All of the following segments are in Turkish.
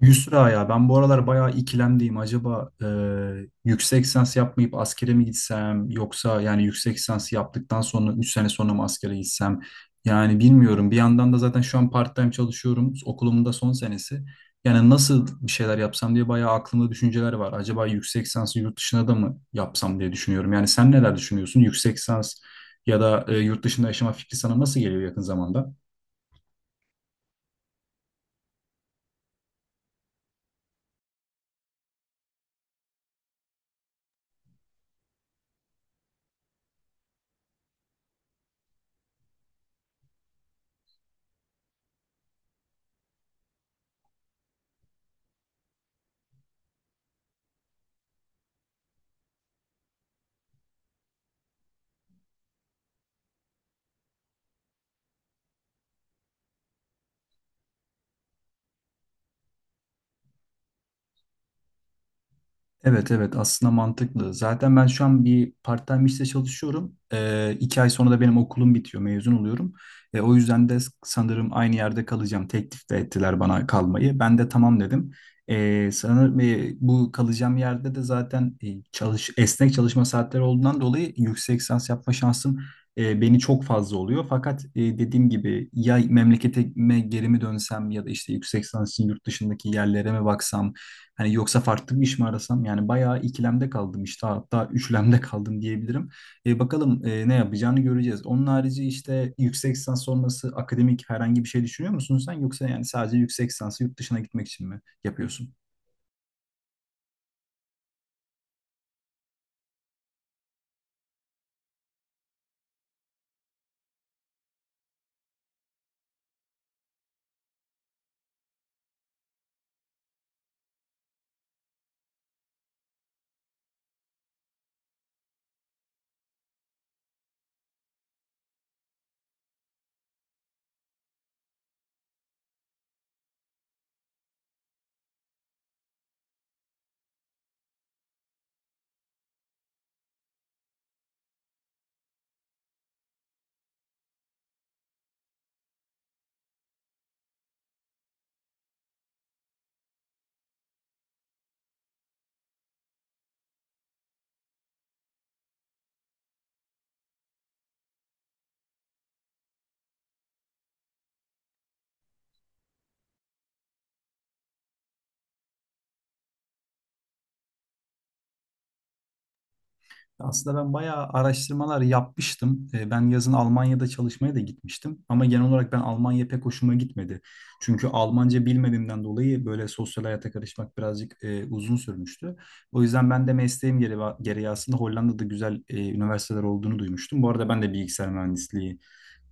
Yusra ya ben bu aralar bayağı ikilemdeyim. Acaba yüksek lisans yapmayıp askere mi gitsem yoksa yani yüksek lisans yaptıktan sonra 3 sene sonra mı askere gitsem? Yani bilmiyorum. Bir yandan da zaten şu an part-time çalışıyorum. Okulumun da son senesi. Yani nasıl bir şeyler yapsam diye bayağı aklımda düşünceler var. Acaba yüksek lisansı yurt dışına da mı yapsam diye düşünüyorum. Yani sen neler düşünüyorsun? Yüksek lisans ya da yurt dışında yaşama fikri sana nasıl geliyor yakın zamanda? Evet evet, aslında mantıklı. Zaten ben şu an bir part-time işte çalışıyorum. 2 ay sonra da benim okulum bitiyor, mezun oluyorum. O yüzden de sanırım aynı yerde kalacağım. Teklif de ettiler bana kalmayı. Ben de tamam dedim. Sanırım bu kalacağım yerde de zaten esnek çalışma saatleri olduğundan dolayı yüksek lisans yapma şansım beni çok fazla oluyor. Fakat dediğim gibi, ya memleketime geri mi dönsem ya da işte yüksek lisans için yurt dışındaki yerlere mi baksam, hani yoksa farklı bir iş mi arasam, yani bayağı ikilemde kaldım işte, hatta üçlemde kaldım diyebilirim. Bakalım ne yapacağını göreceğiz. Onun harici işte yüksek lisans sonrası akademik herhangi bir şey düşünüyor musun sen, yoksa yani sadece yüksek lisansı yurt dışına gitmek için mi yapıyorsun? Aslında ben bayağı araştırmalar yapmıştım. Ben yazın Almanya'da çalışmaya da gitmiştim. Ama genel olarak ben Almanya pek hoşuma gitmedi. Çünkü Almanca bilmediğimden dolayı böyle sosyal hayata karışmak birazcık uzun sürmüştü. O yüzden ben de mesleğim gereği aslında Hollanda'da güzel üniversiteler olduğunu duymuştum. Bu arada ben de bilgisayar mühendisliği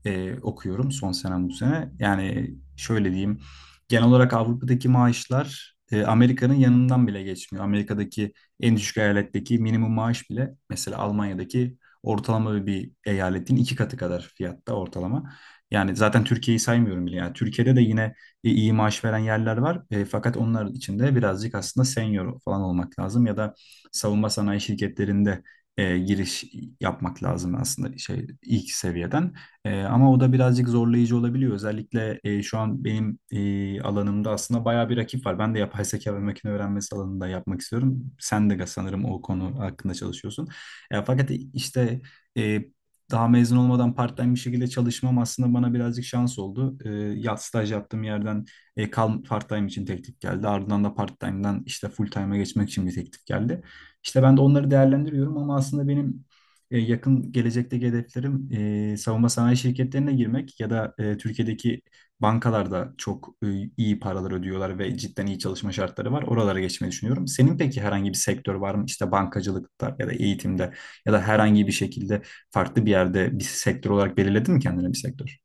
okuyorum, son senem bu sene. Yani şöyle diyeyim, genel olarak Avrupa'daki maaşlar Amerika'nın yanından bile geçmiyor. Amerika'daki en düşük eyaletteki minimum maaş bile mesela Almanya'daki ortalama bir eyaletin iki katı kadar fiyatta ortalama. Yani zaten Türkiye'yi saymıyorum bile. Yani Türkiye'de de yine iyi maaş veren yerler var. Fakat onlar için de birazcık aslında senior falan olmak lazım, ya da savunma sanayi şirketlerinde giriş yapmak lazım aslında, şey ilk seviyeden. Ama o da birazcık zorlayıcı olabiliyor. Özellikle şu an benim alanımda aslında bayağı bir rakip var. Ben de yapay zeka ve makine öğrenmesi alanında yapmak istiyorum. Sen de sanırım o konu hakkında çalışıyorsun. Fakat işte e, daha mezun olmadan part-time bir şekilde çalışmam aslında bana birazcık şans oldu. Ya staj yaptığım yerden part-time için teklif geldi. Ardından da part-time'dan işte full-time'a geçmek için bir teklif geldi. İşte ben de onları değerlendiriyorum, ama aslında benim yakın gelecekteki hedeflerim savunma sanayi şirketlerine girmek ya da Türkiye'deki bankalarda çok iyi paralar ödüyorlar ve cidden iyi çalışma şartları var. Oralara geçmeyi düşünüyorum. Senin peki herhangi bir sektör var mı? İşte bankacılıkta ya da eğitimde ya da herhangi bir şekilde farklı bir yerde bir sektör olarak belirledin mi kendine bir sektör?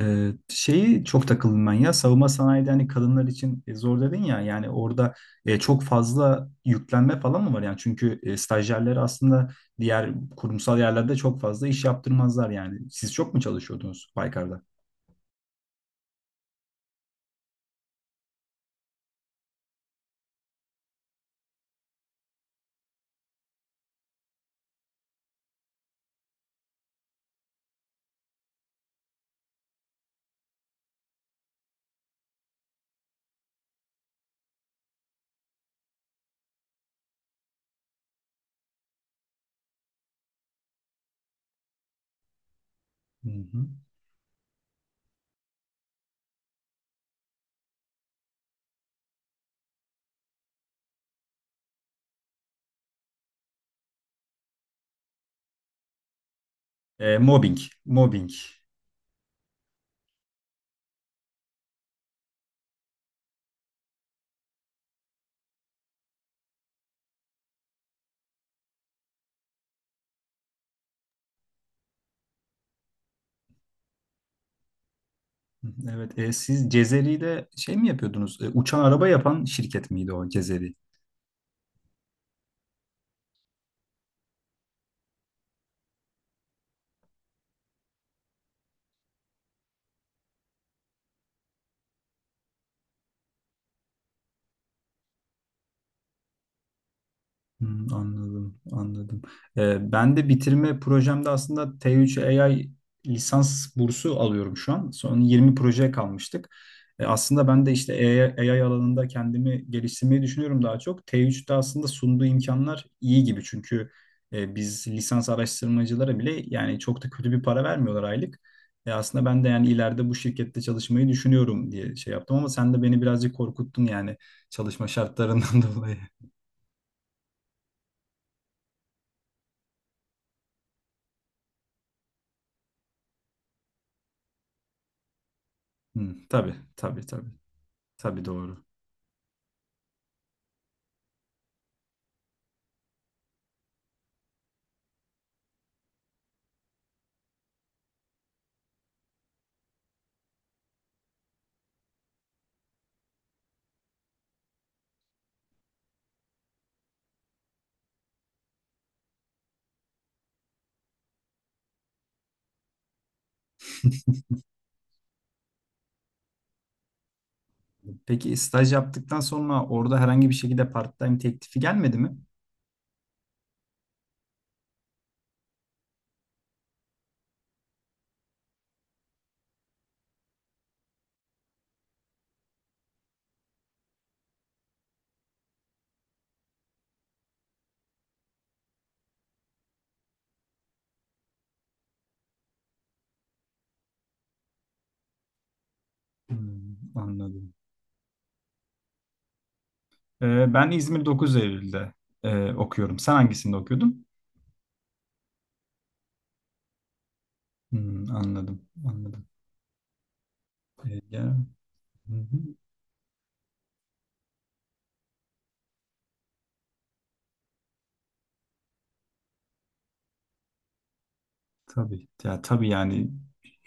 Şeyi çok takıldım ben, ya savunma sanayide hani kadınlar için zor dedin ya, yani orada çok fazla yüklenme falan mı var, yani çünkü stajyerleri aslında diğer kurumsal yerlerde çok fazla iş yaptırmazlar, yani siz çok mu çalışıyordunuz Baykar'da? Hı hı. Mobbing mobbing, evet. Siz Cezeri'de şey mi yapıyordunuz? Uçan araba yapan şirket miydi o Cezeri? Hmm, anladım, anladım. Ben de bitirme projemde aslında T3 AI lisans bursu alıyorum şu an. Son 20 projeye kalmıştık. Aslında ben de işte AI alanında kendimi geliştirmeyi düşünüyorum daha çok. T3'te aslında sunduğu imkanlar iyi gibi, çünkü biz lisans araştırmacılara bile yani çok da kötü bir para vermiyorlar aylık. Aslında ben de yani ileride bu şirkette çalışmayı düşünüyorum diye şey yaptım, ama sen de beni birazcık korkuttun yani, çalışma şartlarından dolayı. Hı, tabii, tabii, tabii. Tabii doğru. Peki staj yaptıktan sonra orada herhangi bir şekilde part-time teklifi gelmedi mi? Hmm, anladım. Ben İzmir 9 Eylül'de okuyorum. Sen hangisinde okuyordun? Hmm, anladım, anladım. Ya, hı hı. Tabii. Ya, tabii yani,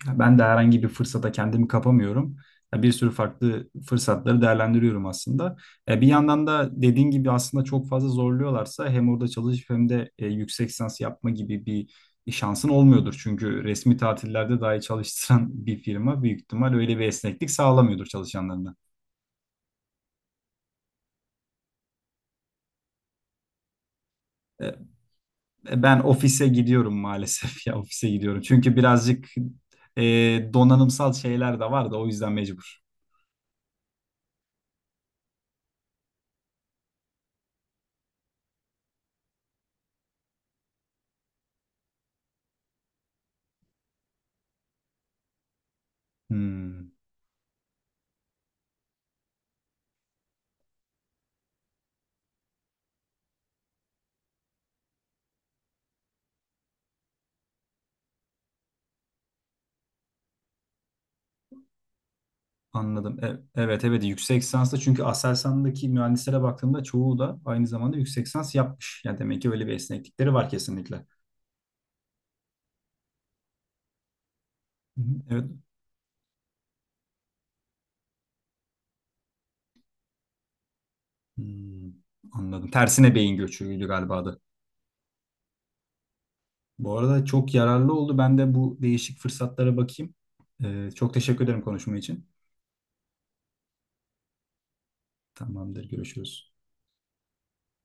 ya ben de herhangi bir fırsata kendimi kapamıyorum. Ya, bir sürü farklı fırsatları değerlendiriyorum aslında. Bir yandan da dediğin gibi aslında çok fazla zorluyorlarsa hem orada çalışıp hem de yüksek lisans yapma gibi bir şansın olmuyordur. Çünkü resmi tatillerde dahi çalıştıran bir firma büyük ihtimal öyle bir esneklik sağlamıyordur çalışanlarına. E, Ben ofise gidiyorum maalesef, ya ofise gidiyorum. Çünkü birazcık donanımsal şeyler de var da, o yüzden mecbur. Hmm, anladım. Evet evet, yüksek lisansta çünkü Aselsan'daki mühendislere baktığımda çoğu da aynı zamanda yüksek lisans yapmış. Yani demek ki öyle bir esneklikleri var kesinlikle. Hı hı, evet. Hmm, anladım. Tersine beyin göçüydü galiba adı. Bu arada çok yararlı oldu. Ben de bu değişik fırsatlara bakayım. Çok teşekkür ederim konuşma için. Tamamdır, görüşürüz.